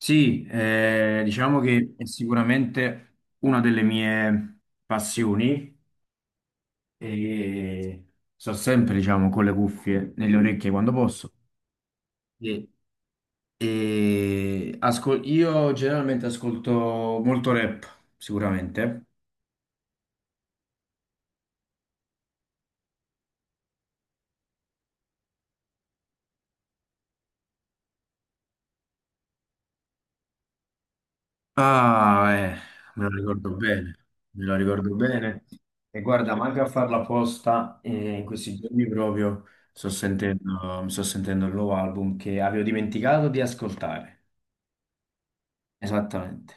Sì, diciamo che è sicuramente una delle mie passioni e sto sempre, diciamo, con le cuffie nelle orecchie quando posso. E, io generalmente ascolto molto rap, sicuramente. Ah, me lo ricordo bene, me lo ricordo bene. E guarda, manca a farla apposta, in questi giorni proprio mi sto sentendo il nuovo album che avevo dimenticato di ascoltare. Esattamente.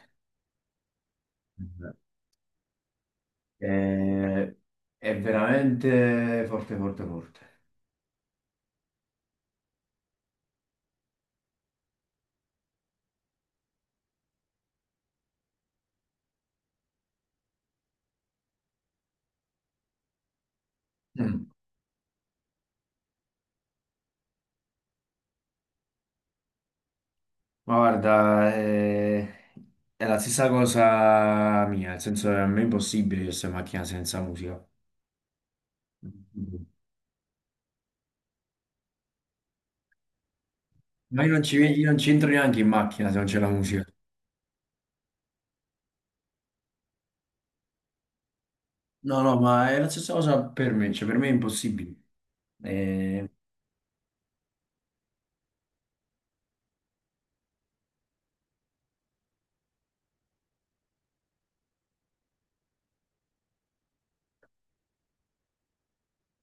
Eh, Eh, è veramente forte, forte, forte. Mm. Ma guarda, è la stessa cosa mia, nel senso che a me è impossibile io stare in macchina senza musica. Mm. Ma io non ci entro neanche in macchina se non c'è la musica. No, no, ma è la stessa cosa per me, cioè per me è impossibile. Eh,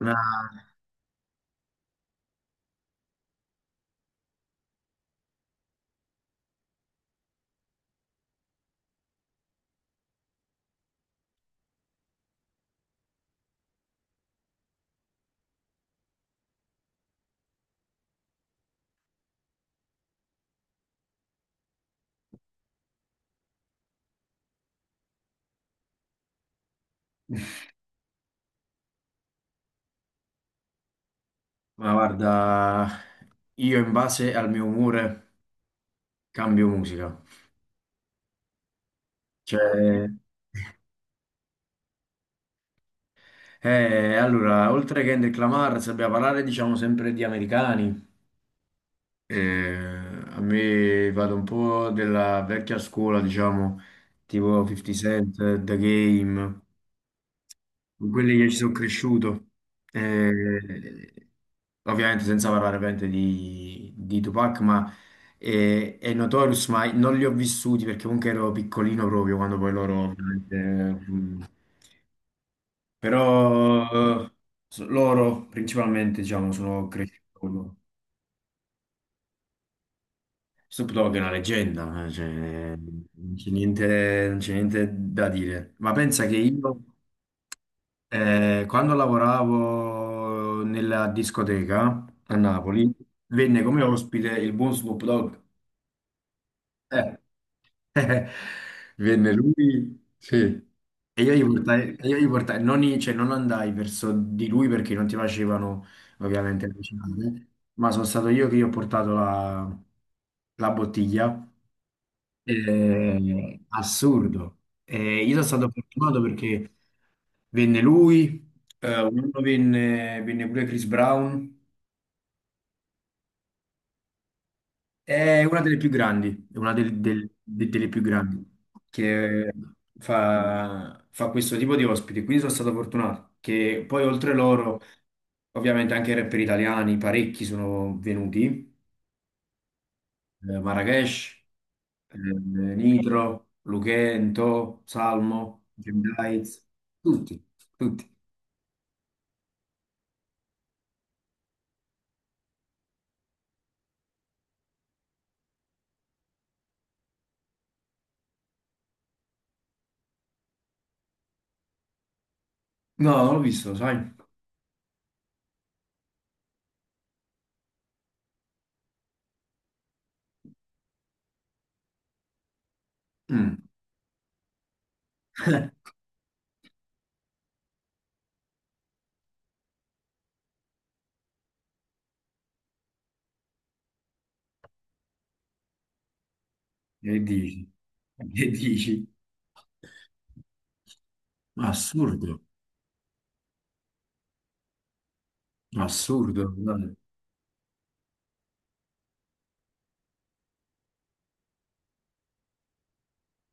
ma, ma guarda, io in base al mio umore cambio musica. Cioè, eh, allora, oltre che Kendrick Lamar, sappiamo parlare, diciamo, sempre di americani. Eh, a me vado un po' della vecchia scuola, diciamo, tipo 50 Cent, The Game, con quelli che ci sono cresciuto. Eh, ovviamente senza parlare ovviamente di Tupac, ma è Notorious, ma non li ho vissuti perché comunque ero piccolino proprio quando poi loro... ovviamente, mm, però loro principalmente, diciamo, sono cresciuti Snoop Dogg è una leggenda, cioè, non c'è niente da dire. Ma pensa che io, quando lavoravo nella discoteca a Napoli, venne come ospite il buon Snoop Dogg. Eh, venne lui, sì. E io gli portai- non, i- cioè, non andai verso di lui perché non ti facevano ovviamente avvicinare, ma sono stato io che gli ho portato la bottiglia. Assurdo. Io sono stato fortunato perché venne lui, un anno venne, venne pure Chris Brown. È una delle più grandi che fa questo tipo di ospiti. Quindi sono stato fortunato che poi oltre loro, ovviamente anche i rapper italiani, parecchi sono venuti, Marrakesh, Nitro, Luchento, Salmo, Jim Daiz, tutti, tutti. No, non l'ho visto, sai? Mm, che dici? Che dici? Assurdo, assurdo, no.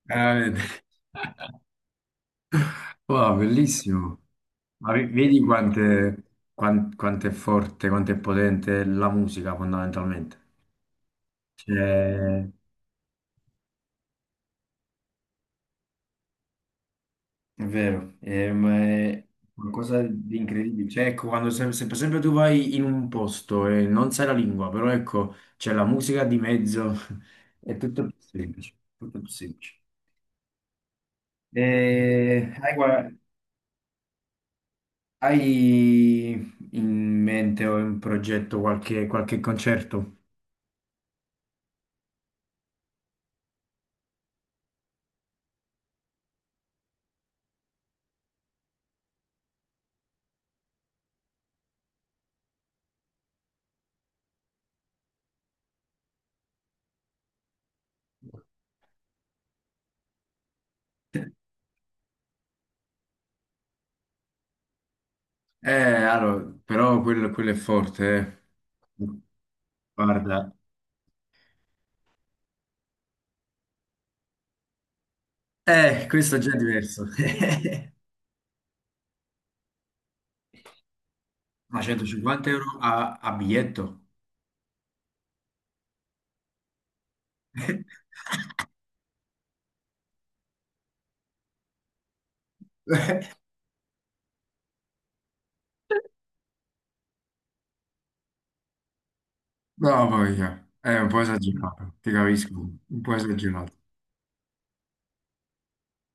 Veramente. Wow, bellissimo. Ma quanto è forte, quanto è potente la musica fondamentalmente. Cioè, è vero, ma è qualcosa di incredibile. Cioè, ecco, quando sempre tu vai in un posto e non sai la lingua, però ecco, c'è la musica di mezzo, è tutto più semplice, tutto più semplice. E hai in mente o in progetto qualche concerto? Eh, allora, però quello è forte, eh. Guarda. Questo è già diverso. Ma 150 euro a, a biglietto? No, voglia. È un po' esagerato, ti capisco. Un po' esagerato.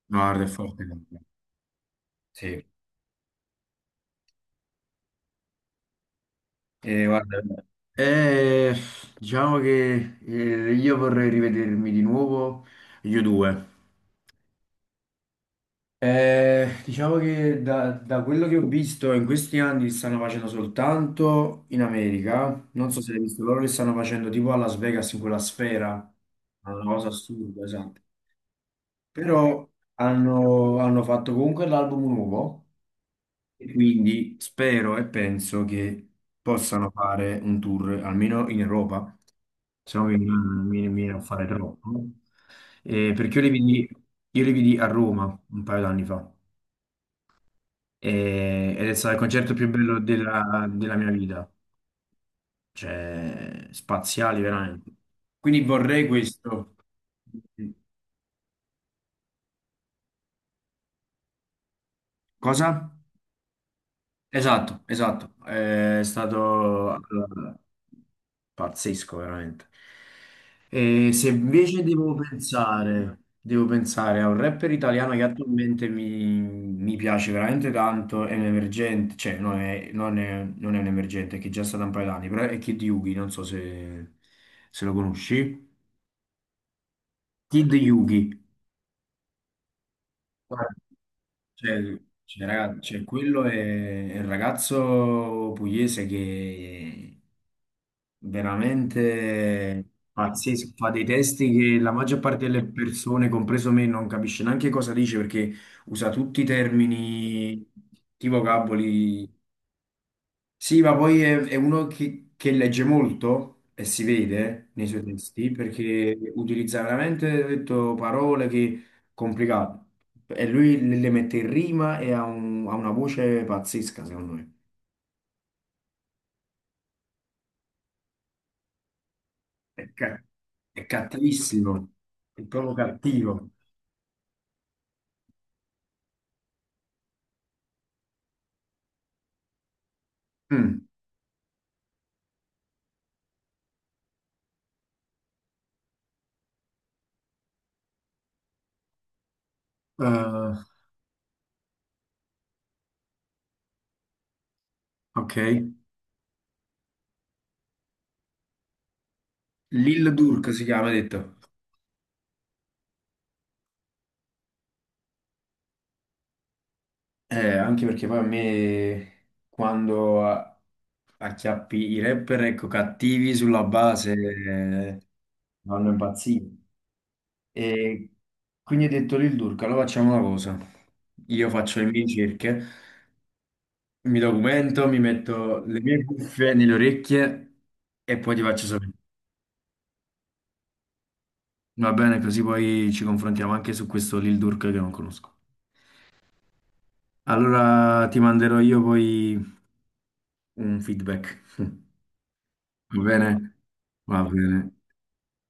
No, guarda, è forte, guarda. Sì. Guarda. Eh, diciamo che io vorrei rivedermi di nuovo gli U2. Diciamo che da quello che ho visto in questi anni li stanno facendo soltanto in America. Non so se l'hai visto, loro li stanno facendo tipo a Las Vegas in quella sfera. È una cosa assurda, esatto. Però hanno fatto comunque l'album nuovo e quindi spero e penso che possano fare un tour almeno in Europa, se no mi viene a fare troppo. Perché io li vidi a Roma un paio d'anni fa. Ed è stato il concerto più bello della mia vita, cioè spaziali veramente. Quindi vorrei questo. Cosa? Esatto, esatto, è stato, allora, pazzesco veramente. E se invece devo pensare a un rapper italiano che attualmente mi piace veramente tanto, è un emergente, cioè non è un emergente, è che è già stato un paio d'anni, però è Kid Yugi, non so se, se lo conosci. Kid Yugi. Cioè, cioè, raga, cioè, quello è il ragazzo pugliese che veramente pazzesco, fa dei testi che la maggior parte delle persone, compreso me, non capisce neanche cosa dice perché usa tutti i termini, tipo vocaboli, sì, ma poi è uno che legge molto e si vede nei suoi testi perché utilizza veramente, ho detto, parole che complicate e lui le mette in rima e ha, ha una voce pazzesca, secondo me. È, ca- è cattivissimo, è proprio cattivo. Mm. Eh, ok. Lil Durk si chiama, hai detto. Anche perché poi a me quando acchiappi i rapper ecco, cattivi sulla base vanno impazziti. E quindi ho detto Lil Durk, allora facciamo una cosa. Io faccio le mie ricerche, mi documento, mi metto le mie cuffie nelle orecchie e poi ti faccio sapere. Va bene, così poi ci confrontiamo anche su questo Lil Durk che non conosco. Allora ti manderò io poi un feedback. Va bene? Va bene.